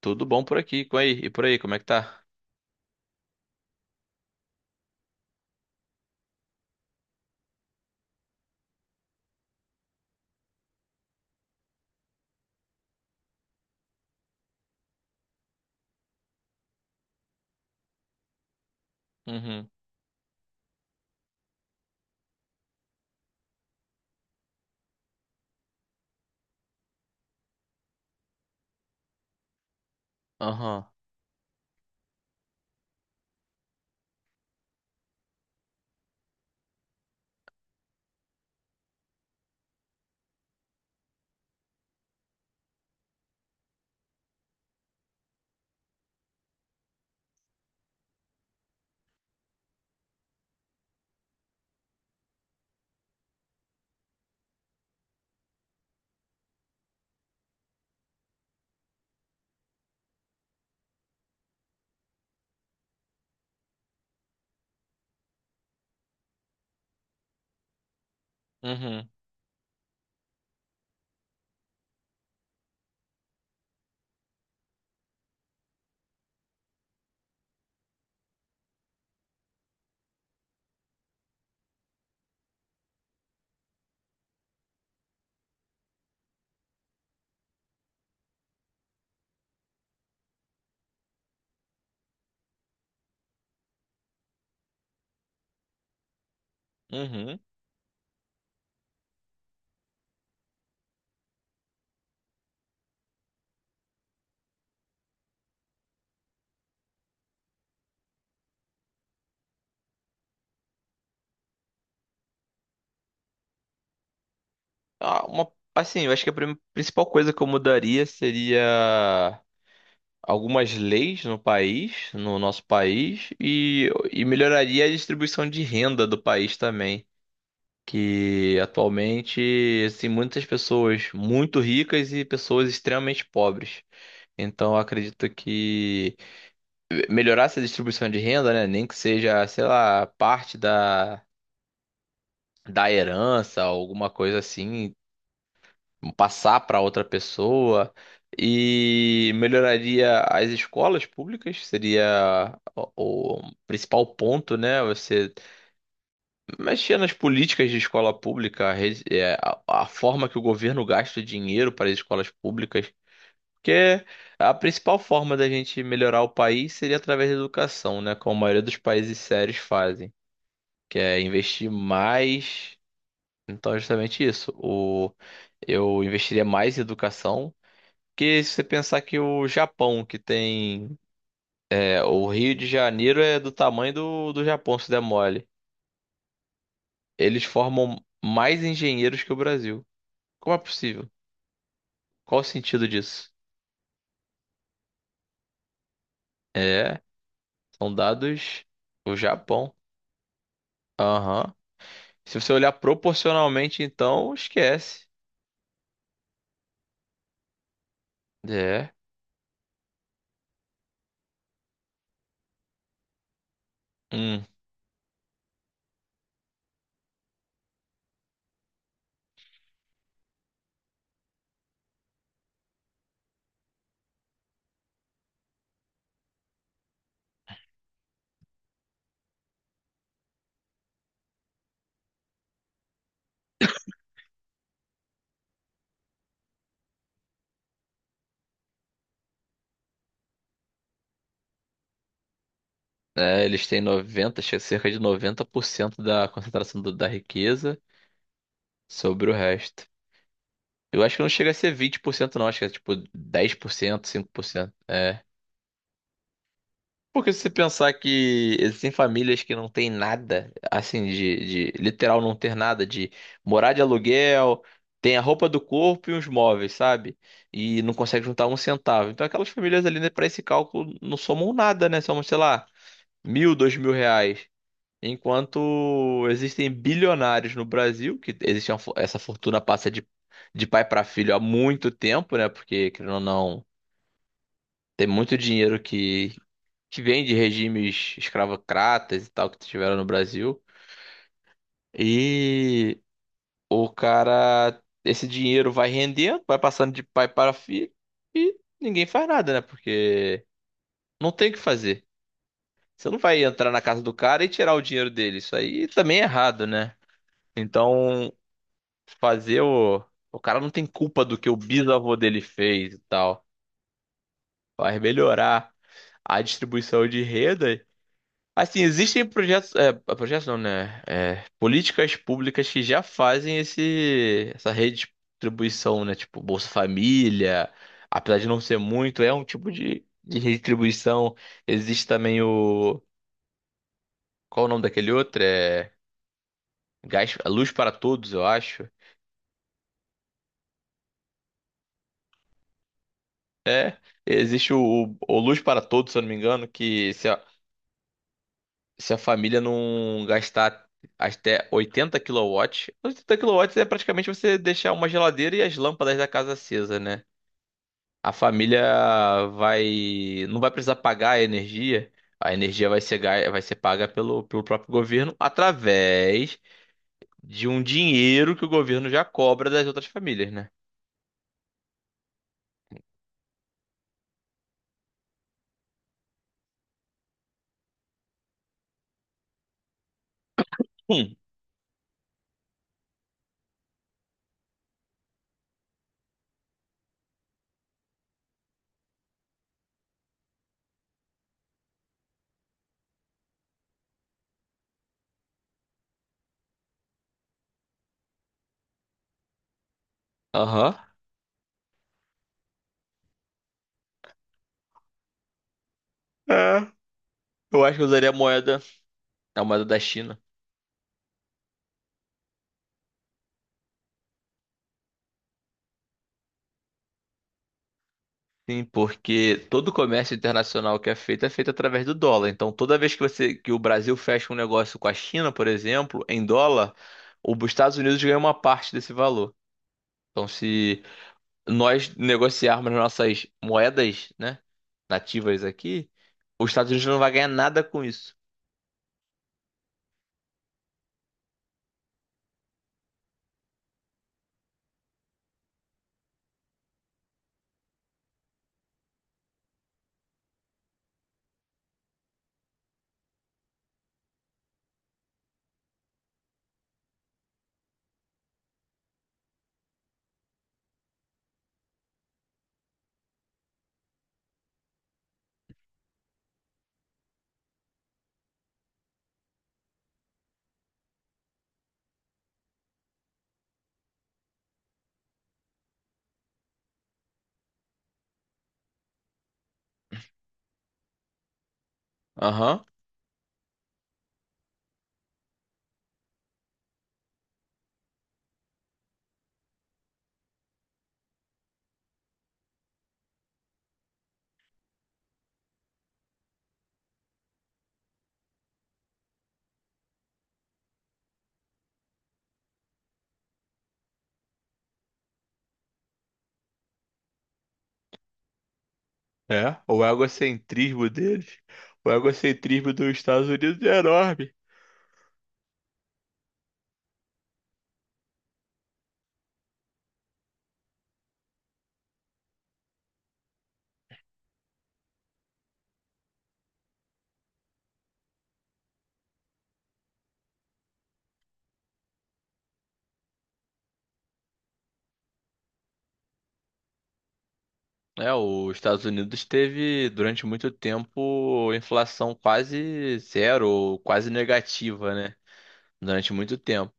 Tudo bom por aqui, com aí, e por aí, como é que tá? Uhum, aham, uhum, uhum. Ah, uma, assim, eu acho que a principal coisa que eu mudaria seria algumas leis no país, no nosso país, e melhoraria a distribuição de renda do país também, que atualmente, assim, muitas pessoas muito ricas e pessoas extremamente pobres. Então, eu acredito que melhorar essa distribuição de renda, né, nem que seja, sei lá, parte da herança, alguma coisa assim, passar para outra pessoa e melhoraria as escolas públicas, seria o principal ponto, né? Você mexer nas políticas de escola pública, a, rede- é, a forma que o governo gasta dinheiro para as escolas públicas. Porque a principal forma da gente melhorar o país seria através da educação, né? Como a maioria dos países sérios fazem, que é investir mais. Então, é justamente isso. Eu investiria mais em educação. Porque se você pensar que o Japão, que tem. É, o Rio de Janeiro é do tamanho do Japão, se der mole. Eles formam mais engenheiros que o Brasil. Como é possível? Qual o sentido disso? É, são dados do Japão. Aham. Se você olhar proporcionalmente, então, esquece. É. Hum. É, eles têm noventa, acho que é cerca de 90% da concentração da riqueza. Sobre o resto. Eu acho que não chega a ser 20% não. Acho que é tipo 10%, 5%. É. Porque se você pensar que existem famílias que não têm nada, assim, de literal não ter nada, de morar de aluguel, tem a roupa do corpo e os móveis, sabe? E não consegue juntar um centavo. Então aquelas famílias ali, né, para esse cálculo, não somam nada, né? Somam, sei lá, mil, dois mil reais. Enquanto existem bilionários no Brasil, que existe uma essa fortuna passa de pai para filho há muito tempo, né? Porque, querendo ou não, tem muito dinheiro que vem de regimes escravocratas e tal que tiveram no Brasil. E esse dinheiro vai rendendo, vai passando de pai para filho e ninguém faz nada, né? Porque não tem o que fazer. Você não vai entrar na casa do cara e tirar o dinheiro dele. Isso aí também é errado, né? Então. Fazer o. O cara não tem culpa do que o bisavô dele fez e tal. Vai melhorar a distribuição de renda. Assim, existem projetos. É, projetos não, né? É, políticas públicas que já fazem essa redistribuição, né? Tipo, Bolsa Família. Apesar de não ser muito, é um tipo de redistribuição. Existe também o. Qual o nome daquele outro? É. Gás, Luz para Todos, eu acho. É, existe o Luz para Todos, se eu não me engano, que se a, se a família não gastar até 80 kW, 80 kW é praticamente você deixar uma geladeira e as lâmpadas da casa acesa, né? A família vai, não vai precisar pagar a energia vai ser, vai ser paga pelo próprio governo através de um dinheiro que o governo já cobra das outras famílias, né? Hum, aham. É, eu acho que eu usaria a moeda da China. Sim, porque todo comércio internacional que é feito através do dólar. Então, toda vez que você que o Brasil fecha um negócio com a China, por exemplo, em dólar, os Estados Unidos ganham uma parte desse valor. Então, se nós negociarmos nossas moedas, né, nativas aqui, os Estados Unidos não vai ganhar nada com isso. Aham. É, o egocentrismo deles, o egocentrismo dos Estados Unidos é enorme. É, os Estados Unidos teve durante muito tempo inflação quase zero, ou quase negativa, né? Durante muito tempo.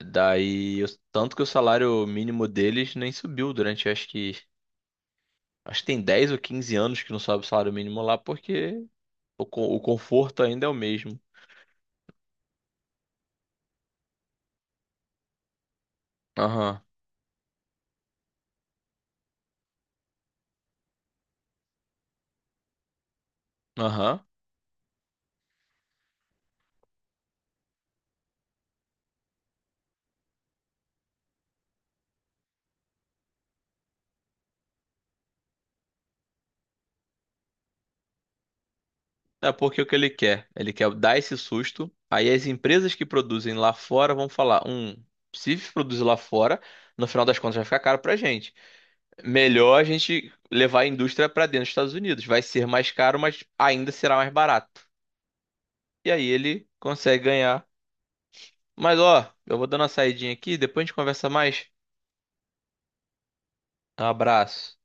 Daí, tanto que o salário mínimo deles nem subiu durante, acho que tem 10 ou 15 anos que não sobe o salário mínimo lá, porque o conforto ainda é o mesmo. Aham, aham. É porque o que ele quer? Ele quer dar esse susto. Aí as empresas que produzem lá fora vão falar, um, se produzir lá fora, no final das contas vai ficar caro pra gente. Melhor a gente levar a indústria para dentro dos Estados Unidos. Vai ser mais caro, mas ainda será mais barato. E aí ele consegue ganhar. Mas ó, eu vou dando uma saidinha aqui, depois a gente conversa mais. Um abraço.